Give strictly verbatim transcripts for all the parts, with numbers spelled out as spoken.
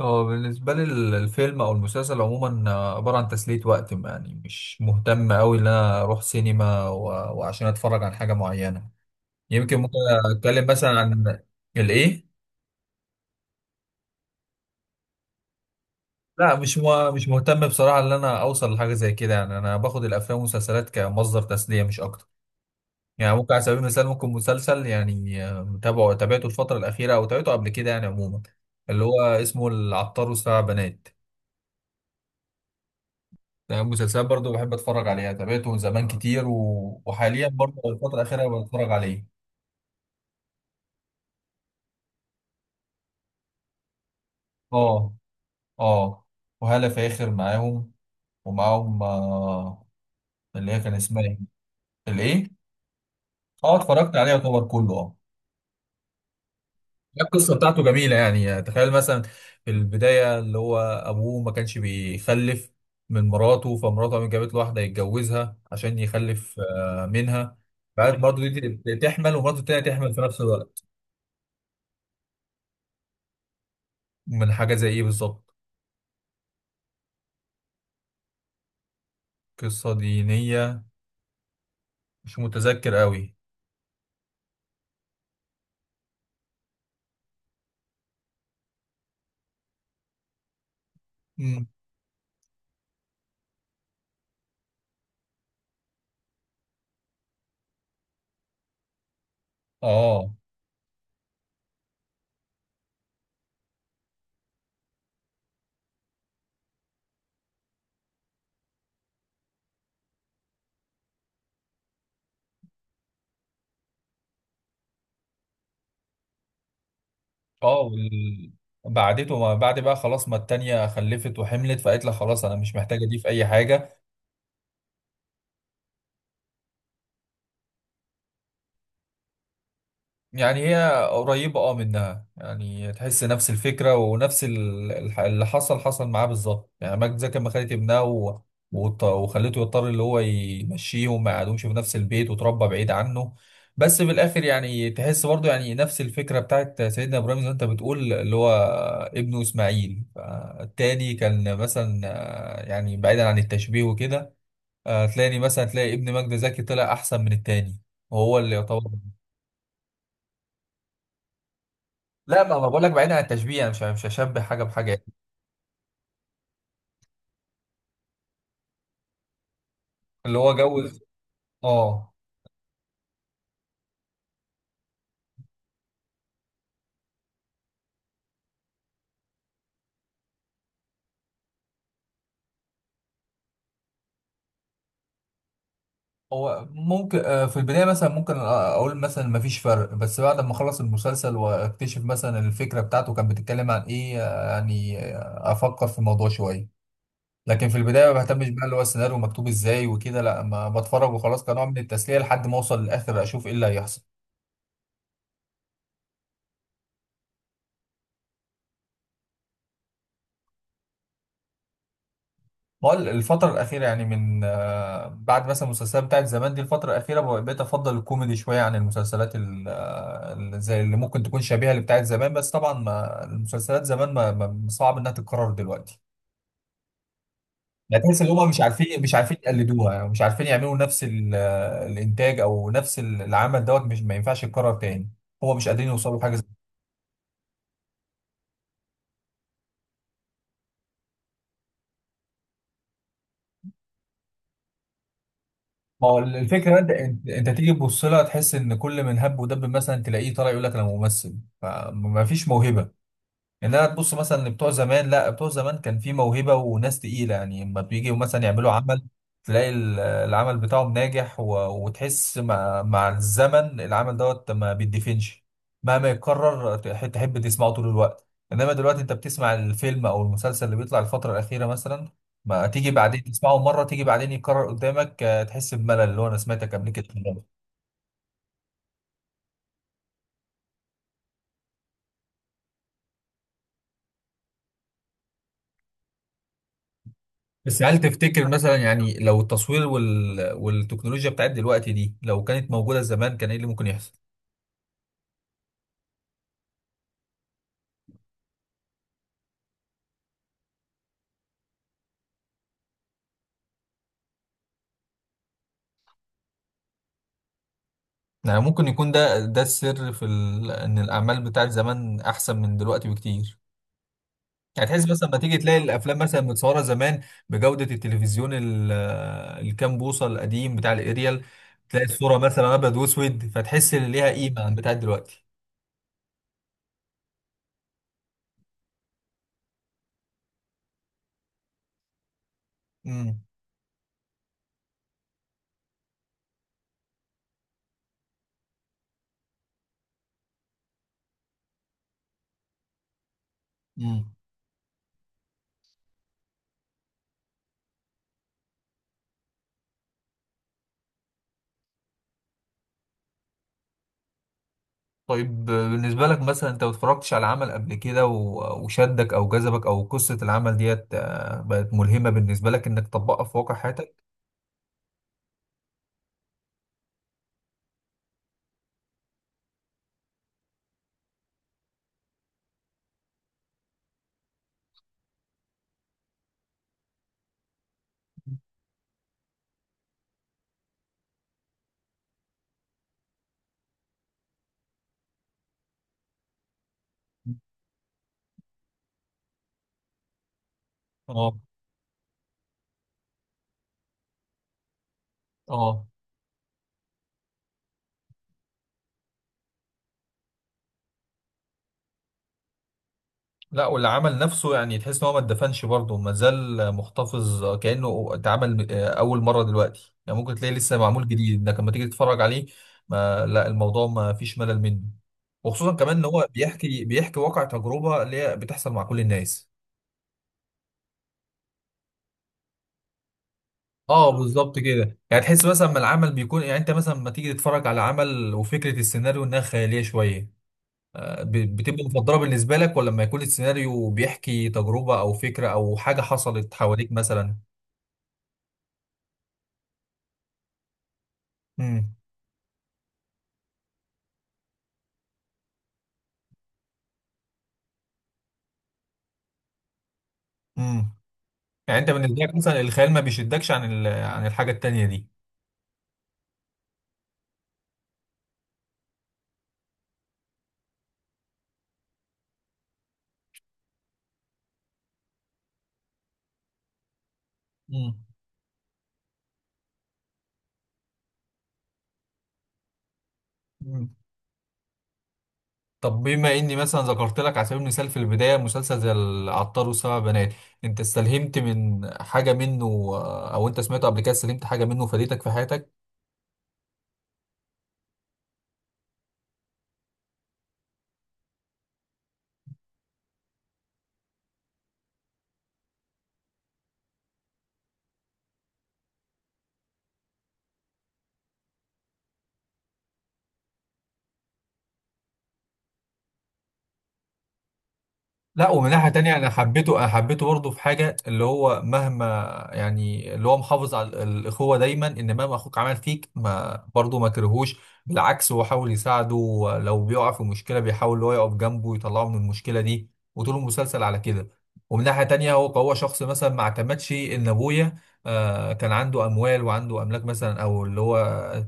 هو بالنسبة لي ال- الفيلم أو المسلسل عموما، آه، عبارة عن تسلية وقت. يعني مش مهتم أوي إن أنا أروح سينما و... وعشان أتفرج عن حاجة معينة. يمكن ممكن أتكلم مثلا عن الإيه؟ لا، مش م... مش مهتم بصراحة إن أنا أوصل لحاجة زي كده. يعني أنا باخد الأفلام والمسلسلات كمصدر تسلية مش أكتر. يعني ممكن على سبيل المثال ممكن مسلسل، يعني آه، متابعه تابعته الفترة الأخيرة أو تابعته قبل كده، يعني عموما. اللي هو اسمه العطار وسبع بنات. مسلسلات برضو بحب اتفرج عليها، تابعته زمان كتير و... وحاليا برضو الفترة الأخيرة بتفرج عليه. اه، اه، وهالة فاخر معاهم. ومعاهم آه اللي هي كان اسمها ايه؟ الايه؟ اه، اتفرجت عليها يعتبر كله. اه. القصة بتاعته جميلة. يعني يعني تخيل مثلا في البداية اللي هو أبوه ما كانش بيخلف من مراته، فمراته قامت جابت له واحدة يتجوزها عشان يخلف آه، منها. بعد برضه دي تحمل ومراته التانية تحمل في نفس الوقت. من حاجة زي ايه بالظبط؟ قصة دينية. مش متذكر قوي. امم. اه، اه، وال... بعدته ما بعد بقى خلاص، ما التانية خلفت وحملت فقالت لها خلاص، انا مش محتاجة دي في اي حاجة. يعني هي قريبة، اه، منها. يعني تحس نفس الفكرة ونفس ال- الح- اللي حصل حصل معاه بالظبط. يعني ماجد زكي لما خدت ابنها و... وط- وخلته يضطر اللي هو يمشيه وما يقعدوش في نفس البيت وتربى بعيد عنه. بس في الآخر يعني تحس برضه، يعني نفس الفكرة بتاعت سيدنا إبراهيم، زي ما أنت بتقول، اللي هو ابنه إسماعيل. التاني كان مثلا، آه، يعني بعيدا عن التشبيه وكده. آه، تلاقي مثلا، تلاقي ابن ماجد زكي طلع أحسن من التاني، وهو اللي يعتبر... لا، ما ما بقول لك، بعيد عن التشبيه. انا مش مش هشبه حاجه بحاجه يعني. اللي هو جوز. اه. هو ممكن آه، في البدايه مثلا ممكن آه، اقول مثلا ما فيش فرق، بس بعد ما اخلص المسلسل واكتشف مثلا الفكره بتاعته كانت بتتكلم عن ايه، آه، يعني آه، افكر في الموضوع شويه. لكن في البدايه ما بهتمش بقى اللي هو السيناريو مكتوب ازاي وكده. لا، ما بتفرج وخلاص، كنوع من التسليه، لحد ما اوصل للاخر اشوف ايه اللي هيحصل. بقول الفترة الأخيرة يعني من، آه، بعد مثلا المسلسلات بتاعت زمان دي الفترة الأخيرة بقى- بقيت أفضل الكوميدي شوية عن المسلسلات ال- آه، ال- زي اللي ممكن تكون شبيهة اللي بتاعت زمان. بس طبعا ما المسلسلات زمان ما ما- صعب إنها تتكرر دلوقتي. يعني تحس إن هما مش عارفين مش عارفين يقلدوها، يعني مش عارفين يعملوا نفس ال- آه، الإنتاج أو نفس ال- العمل دوت، مش ما ينفعش يتكرر تاني. هو مش قادرين يوصلوا حاجة زي... ما هو الفكرة، انت انت انت تيجي تبص لها تحس ان كل من هب ودب مثلا تلاقيه طالع يقول لك انا ممثل. فما فيش موهبة. ان انا تبص مثلا لبتوع زمان، لا بتوع زمان كان في موهبه وناس تقيله، يعني اما بيجوا مثلا يعملوا عمل تلاقي ال- آه، العمل بتاعهم ناجح و... وتحس مع... مع الزمن العمل دوت ما بيدفنش. مهما يتكرر تح- تحب تسمعه طول الوقت. انما دلوقتي انت بتسمع الفيلم او المسلسل اللي بيطلع الفتره الاخيره مثلا، ما تيجي بعدين تسمعه مره، تيجي بعدين يتكرر قدامك، آه، تحس بملل اللي هو انا سمعتك قبل كده. بس هل تفتكر مثلا يعني لو التصوير وال... والتكنولوجيا بتاعت دلوقتي دي لو كانت موجودة زمان، كان ايه اللي ممكن يحصل؟ يعني ممكن يكون ده ده السر في ال... ان الأعمال بتاعت زمان أحسن من دلوقتي بكتير. يعني تحس مثلا لما تيجي تلاقي الأفلام مثلا متصورة زمان بجودة التلفزيون ال... الكام بوصة القديم بتاع الأريال، تلاقي الصورة مثلا أبيض وأسود، فتحس إن ليها قيمة عن بتاعت دلوقتي. امم. إمم. طيب، بالنسبة لك مثلا، انت ما اتفرجتش على عمل قبل كده و- وشدك او جذبك، او قصة العمل ديت آه، بقت ملهمة بالنسبة لك انك تطبقها في واقع حياتك؟ اه، اه. لا، والعمل نفسه يعني تحس ان هو ما اتدفنش برضه، ما زال محتفظ كأنه اتعمل آه، اول مرة دلوقتي. يعني ممكن تلاقيه لسه معمول جديد انك لما تيجي تتفرج عليه. ما لا الموضوع ما فيش ملل منه. وخصوصا كمان ان هو بيحكي بيحكي واقع تجربة اللي هي بتحصل مع كل الناس. اه، بالظبط كده. يعني تحس مثلا ما العمل بيكون، يعني انت مثلا لما تيجي تتفرج على عمل وفكره السيناريو انها خياليه شويه، آه، ب- بتبقى مفضله بالنسبه لك، ولا لما يكون السيناريو بيحكي تجربه او فكره او حاجه حصلت حواليك مثلا؟ امم، امم. يعني انت بالنسبه لك مثلا الخيال ما بيشدكش عن ال- عن الحاجه التانيه دي؟ امم، امم. طب بما اني مثلا ذكرت لك على سبيل المثال في البدايه مسلسل زي العطار والسبع بنات، انت استلهمت من حاجه منه، آه، او انت سمعته قبل كده استلهمت حاجه منه فادتك في حياتك؟ لا، ومن ناحية تانية، أنا حبيته أنا حبيته برضه في حاجة اللي هو مهما، يعني اللي هو محافظ على ال- الأخوة دايما إن مهما أخوك عمل فيك، ما برضه ما كرهوش. بالعكس هو حاول يساعده. لو بيقع في مشكلة بيحاول اللي هو يقف جنبه ويطلعه من المشكلة دي. وطول المسلسل على كده. ومن ناحية تانية، هو هو شخص مثلا ما اعتمدش إن أبويا آه كان عنده أموال وعنده أملاك مثلا، أو اللي هو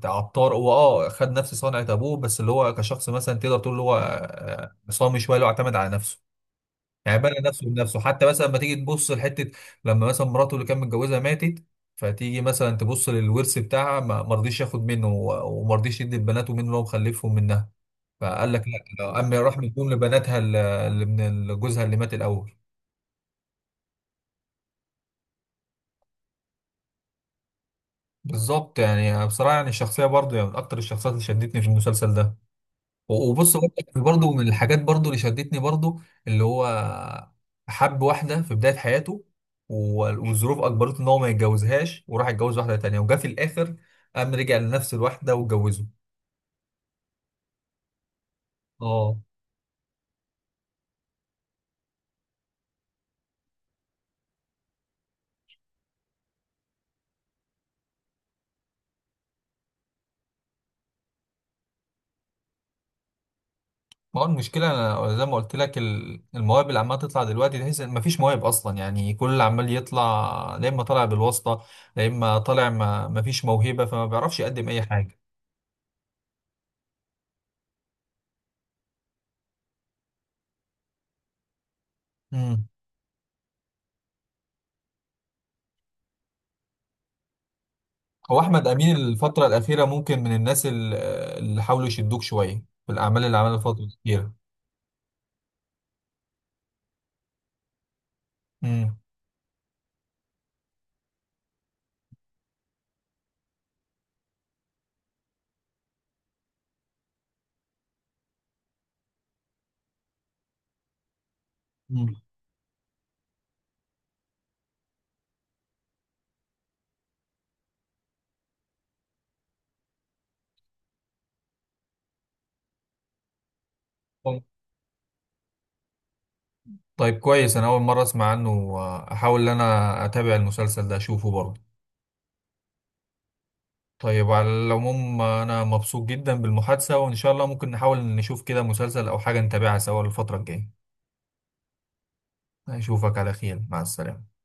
عطار، هو أه خد نفس صنعة أبوه، بس اللي هو كشخص مثلا تقدر تقول اللي هو آه، صامي شوية، اللي هو اعتمد على نفسه. يعني بنى نفسه بنفسه. حتى مثلا لما تيجي تبص لحته، لما مثلا مراته اللي كان متجوزها ماتت، فتيجي مثلا تبص للورث بتاعها ما ما رضيش ياخد منه و- وما رضيش يدي لبناته منه لو مخلفهم منها. فقال لك لا، لو اما راح مديهم لبناتها ال- اللي من ال- جوزها اللي مات الاول. بالظبط يعني، بصراحه يعني الشخصيه برضه، يعني من اكتر الشخصيات اللي شدتني في المسلسل ده. وبص. برضه من الحاجات برضه اللي شدتني برضه، اللي هو حب واحدة في بداية حياته، وال- والظروف أجبرته إن هو ما يتجوزهاش وراح يتجوز واحدة تانية، وجا في الآخر قام رجع لنفس الواحدة واتجوزه. اه. ما هو المشكلة أنا زي ما قلت لك، ال- المواهب اللي عمالة تطلع دلوقتي تحس إن مفيش مواهب أصلا. يعني كل اللي عمال يطلع، لا إما طالع بالواسطة، لا إما طالع ما مفيش موهبة، فما بيعرفش يقدم أي حاجة. مم. هو احمد امين الفتره الاخيره ممكن من الناس ال- اللي حاولوا يشدوك شويه في الاعمال اللي عملها الفتره الاخيره. امم. مم. طيب، طيب، كويس. انا اول مره اسمع عنه. احاول ان انا اتابع المسلسل ده، اشوفه برضه. طيب، على العموم انا مبسوط جدا بالمحادثه، وان شاء الله ممكن نحاول نشوف كده مسلسل او حاجه نتابعها سوا الفتره الجايه. اشوفك على خير، مع السلامه.